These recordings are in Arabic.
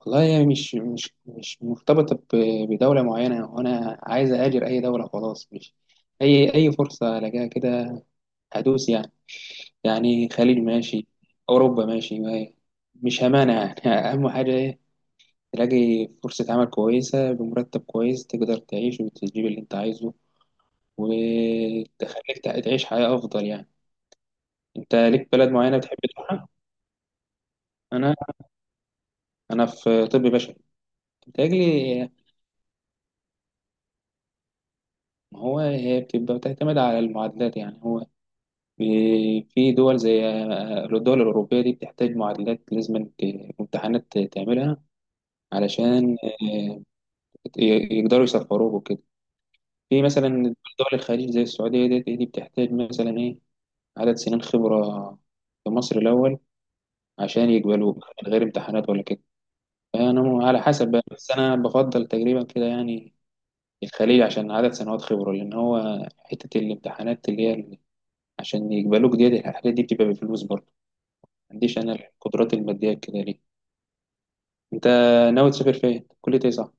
والله هي مش مرتبطة بدولة معينة، وأنا عايز أهاجر أي دولة. خلاص، مش أي فرصة ألاقيها كده هدوس يعني. يعني خليج ماشي، أوروبا ماشي مش همانة يعني. أهم حاجة إيه، تلاقي فرصة عمل كويسة بمرتب كويس، تقدر تعيش وتجيب اللي أنت عايزه وتخليك تعيش حياة أفضل يعني. أنت ليك بلد معينة بتحب تروحها؟ أنا أنا في طب بشري بتهيألي. ما هو هي بتبقى بتعتمد على المعادلات يعني. هو في في دول زي الدول الأوروبية دي بتحتاج معادلات، لازم امتحانات تعملها علشان يقدروا يسفروك وكده. في مثلا دول الخليج زي السعودية، دي بتحتاج مثلا إيه، عدد سنين خبرة في مصر الأول عشان يقبلوك، من غير امتحانات ولا كده. فأنا على حسب بقى. بس أنا بفضل تقريبا كده يعني الخليج، عشان عدد سنوات خبرة، لأن هو حتة الامتحانات اللي هي عشان يقبلوك دي، الحاجات دي بتبقى بفلوس برضه. عنديش انا القدرات الماديه كده ليه. انت ناوي تسافر فين، كلية ايه، صح؟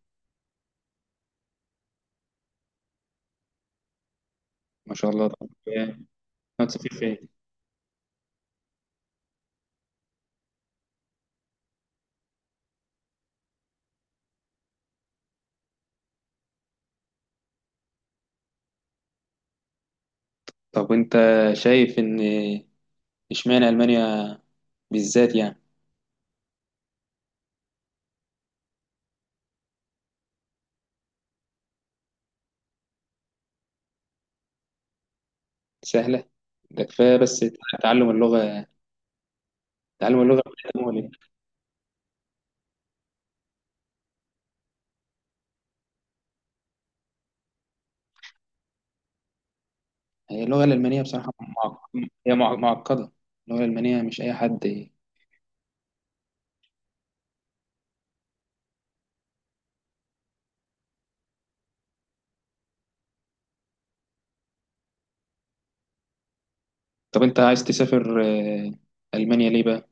ما شاء الله. طب ناوي تسافر فين؟ طب وانت شايف ان اشمعنى المانيا بالذات يعني؟ سهله، ده كفايه بس تعلم اللغه تعلم اللغه مولد. هي اللغه الالمانيه بصراحه هي معقده، اللغه الالمانيه مش اي حد. طب انت عايز تسافر المانيا ليه بقى؟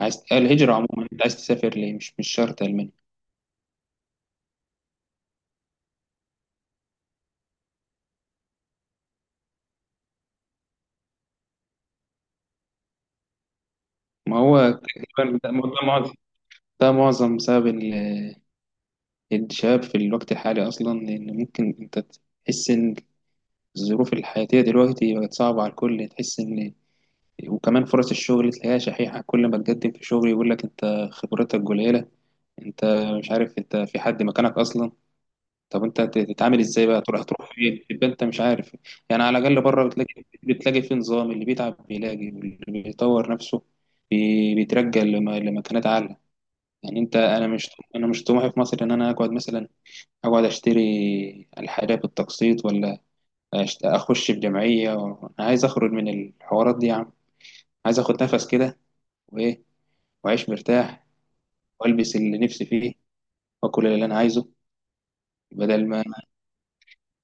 عايز الهجره عموما، انت عايز تسافر ليه؟ مش شرط المانيا. ما هو تقريبا ده موضوع معضل، ده معظم سبب الشباب في الوقت الحالي أصلا، لأن ممكن أنت تحس إن الظروف الحياتية دلوقتي بقت صعبة على الكل، تحس إن وكمان فرص الشغل تلاقيها شحيحة. كل ما تقدم في شغل يقول لك أنت خبرتك قليلة، أنت مش عارف أنت في حد مكانك أصلا. طب أنت تتعامل إزاي بقى؟ تروح فين؟ تبقى أنت مش عارف. يعني على الأقل بره بتلاقي في نظام، اللي بيتعب بيلاقي، واللي بيطور نفسه بيترجى لمكانات أعلى. يعني أنت أنا مش طموحي في مصر إن أنا أقعد مثلا اقعد اشتري الحاجة بالتقسيط، ولا اخش في جمعية انا عايز اخرج من الحوارات دي يا عم، عايز اخد نفس كده وايه، واعيش مرتاح، والبس اللي نفسي فيه، واكل اللي انا عايزه، بدل ما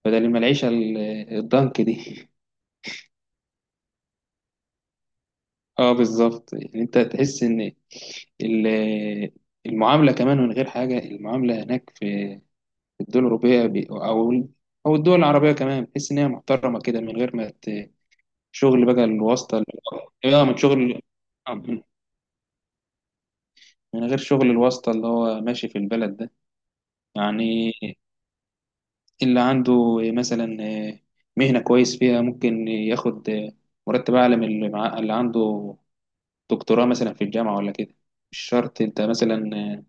العيشة الضنك دي. اه بالظبط. يعني انت تحس ان ال- المعاملة كمان، من غير حاجة، المعاملة هناك في الدول الأوروبية أو الدول العربية كمان، بتحس إن هي محترمة كده، من غير ما شغل بقى الواسطة. اللي هو إيه، اه، من شغل، من من غير شغل الواسطة اللي هو ماشي في البلد ده. يعني اللي عنده مثلا مهنة كويس فيها، ممكن ياخد مرتب أعلى من اللي اللي عنده دكتوراه مثلا في الجامعة ولا كده. مش شرط أنت مثلا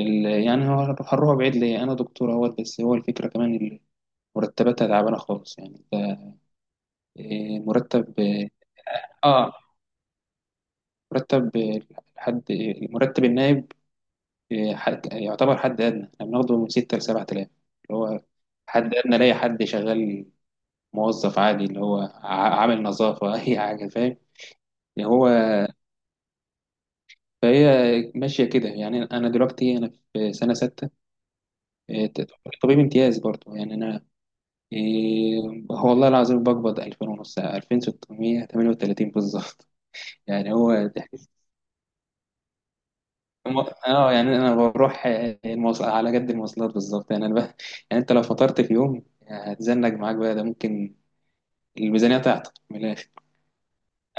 يعني هو هروح بعيد ليه، أنا دكتور أهوت، بس هو الفكرة كمان مرتباتها تعبانة خالص يعني. أنت مرتب اه، آه، مرتب حد، مرتب النائب إيه، حد يعتبر حد أدنى، احنا بناخده من ستة لسبعة آلاف، اللي هو حد أدنى لاي حد شغال، موظف عادي، اللي هو عامل نظافة. أي حاجة فاهم يعني. هو فهي ماشية كده. يعني أنا دلوقتي أنا في سنة ستة إيه، طبيب امتياز برضه. يعني أنا إيه، هو والله العظيم بقبض 2000 ونص، 2638 بالظبط. يعني هو الم- اه يعني انا بروح المواصل على قد المواصلات بالظبط. يعني انا ب... يعني انت لو فطرت في يوم هتزنق معاك بقى، ده ممكن الميزانيه تعطل من الاخر،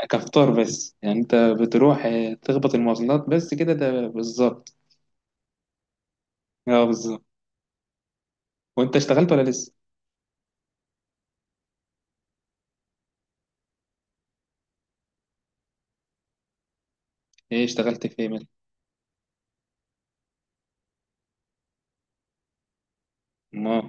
كفطار بس. يعني انت بتروح تخبط المواصلات بس كده، ده بالظبط. اه بالظبط. وانت اشتغلت ولا لسه؟ ايه اشتغلت في ايه؟ ما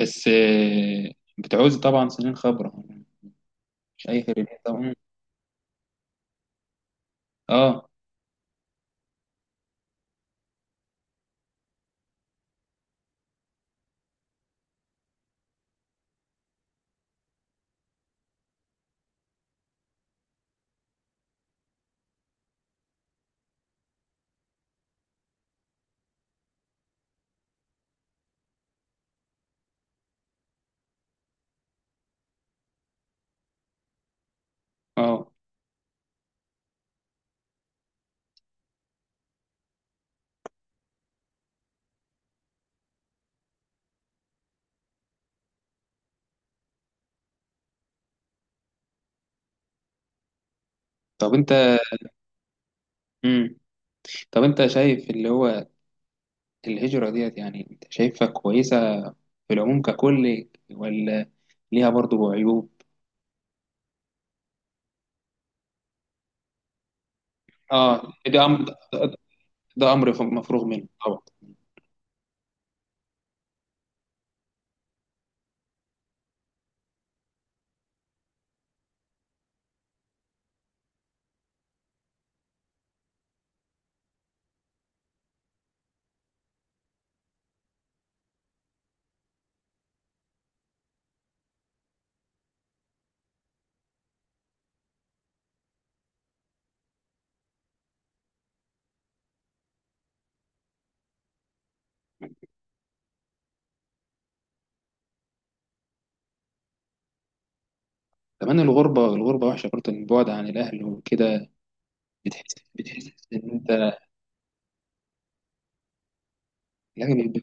بس بتعوز طبعا سنين خبره، مش اي خير طبعا. اه، اه. طب انت، مم. طب انت شايف اللي هو الهجره ديت، يعني انت شايفها كويسه في العموم ككل، ولا ليها برضه عيوب؟ اه ده امر، مفروغ منه طبعا. كمان الغربه، وحشه برضه، البعد عن الاهل وكده. بتحس بتحس ان انت، يعني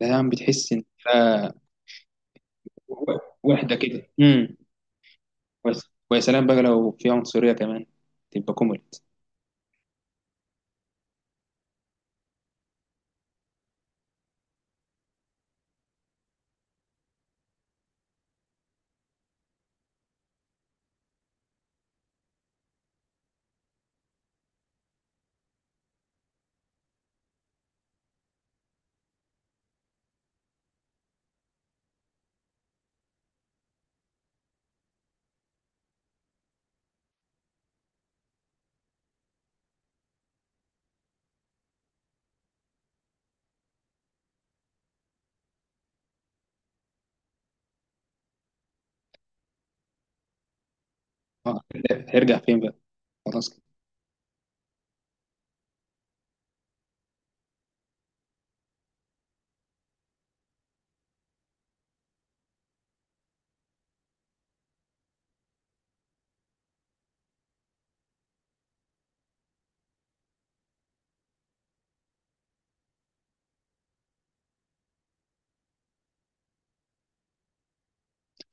يعني بتحس ان انت وحده كده، امم. ويا سلام بقى لو في عنصريه كمان، تبقى كوملت. اه، هيرجع فين بقى؟ خلاص كده.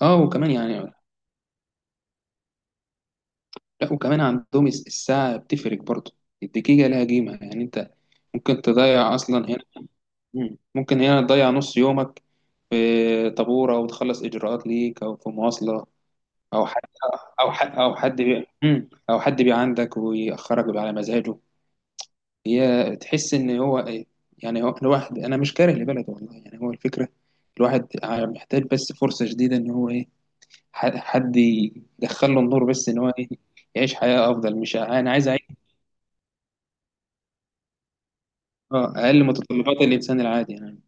اه وكمان يعني، لا وكمان عندهم الساعه بتفرق برضه، الدقيقه لها قيمه. يعني انت ممكن تضيع اصلا. مم. ممكن هنا تضيع نص يومك في طابور، او تخلص اجراءات ليك، او في مواصله، او حد، مم. او حد بي عندك ويأخرك بقى على مزاجه. هي تحس ان هو إيه، يعني هو الواحد انا مش كاره لبلده والله، يعني هو الفكره، الواحد محتاج بس فرصه جديده، ان هو ايه، حد يدخل له النور، بس ان هو ايه، يعيش حياه افضل، مش انا عايز اعيش. اه، اقل متطلبات الانسان العادي يعني.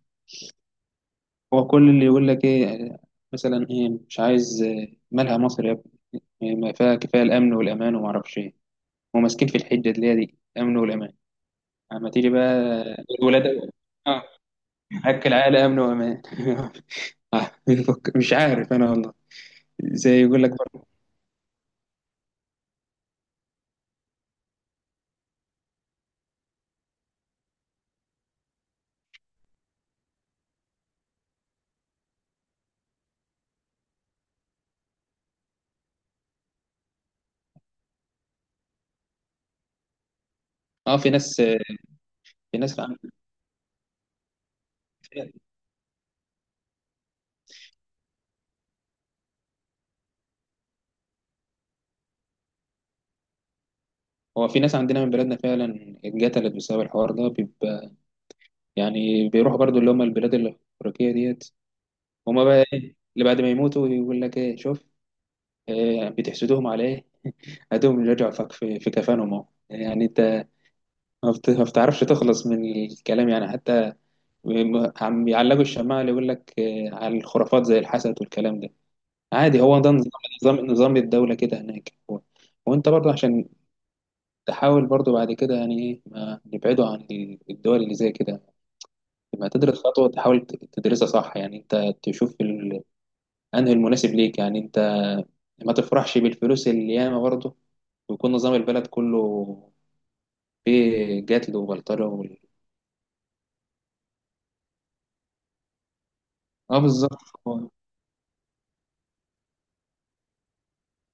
هو كل اللي يقول لك ايه، مثلا ايه مش عايز، مالها مصر يا ابني، إيه، ما فيها كفايه الامن والامان وما اعرفش ايه. هم ماسكين في الحجه اللي هي دي، امن والامان. اما تيجي بقى الولاد، اه، اكل عائله، امن وامان. بيفك-، مش عارف انا والله، زي يقول لك برضه. اه، في ناس عن- هو في ناس عندنا من بلادنا فعلا اتقتلت بسبب الحوار ده بيبقى، يعني بيروحوا برضه اللي هم البلاد الافريقيه ديت. هما بقى ايه اللي بعد ما يموتوا يقول لك ايه، شوف بتحسدوهم على ايه، اديهم رجعوا فك في كفانهم اهو. يعني انت ما بتعرفش تخلص من الكلام يعني، حتى عم يعلقوا الشماعة اللي يقول لك على الخرافات زي الحسد والكلام ده، عادي. هو ده نظام، نظام الدولة كده هناك. هو وانت برضه عشان تحاول برضه بعد كده، يعني ايه، ما نبعده عن الدول اللي زي كده. لما تدرس خطوة تحاول تدرسها صح، يعني انت تشوف انهي المناسب ليك. يعني انت ما تفرحش بالفلوس اللي ياما برضه ويكون نظام البلد كله في جاتلو وبلطرة وال... اه بالظبط. هو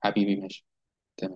حبيبي ماشي، تمام.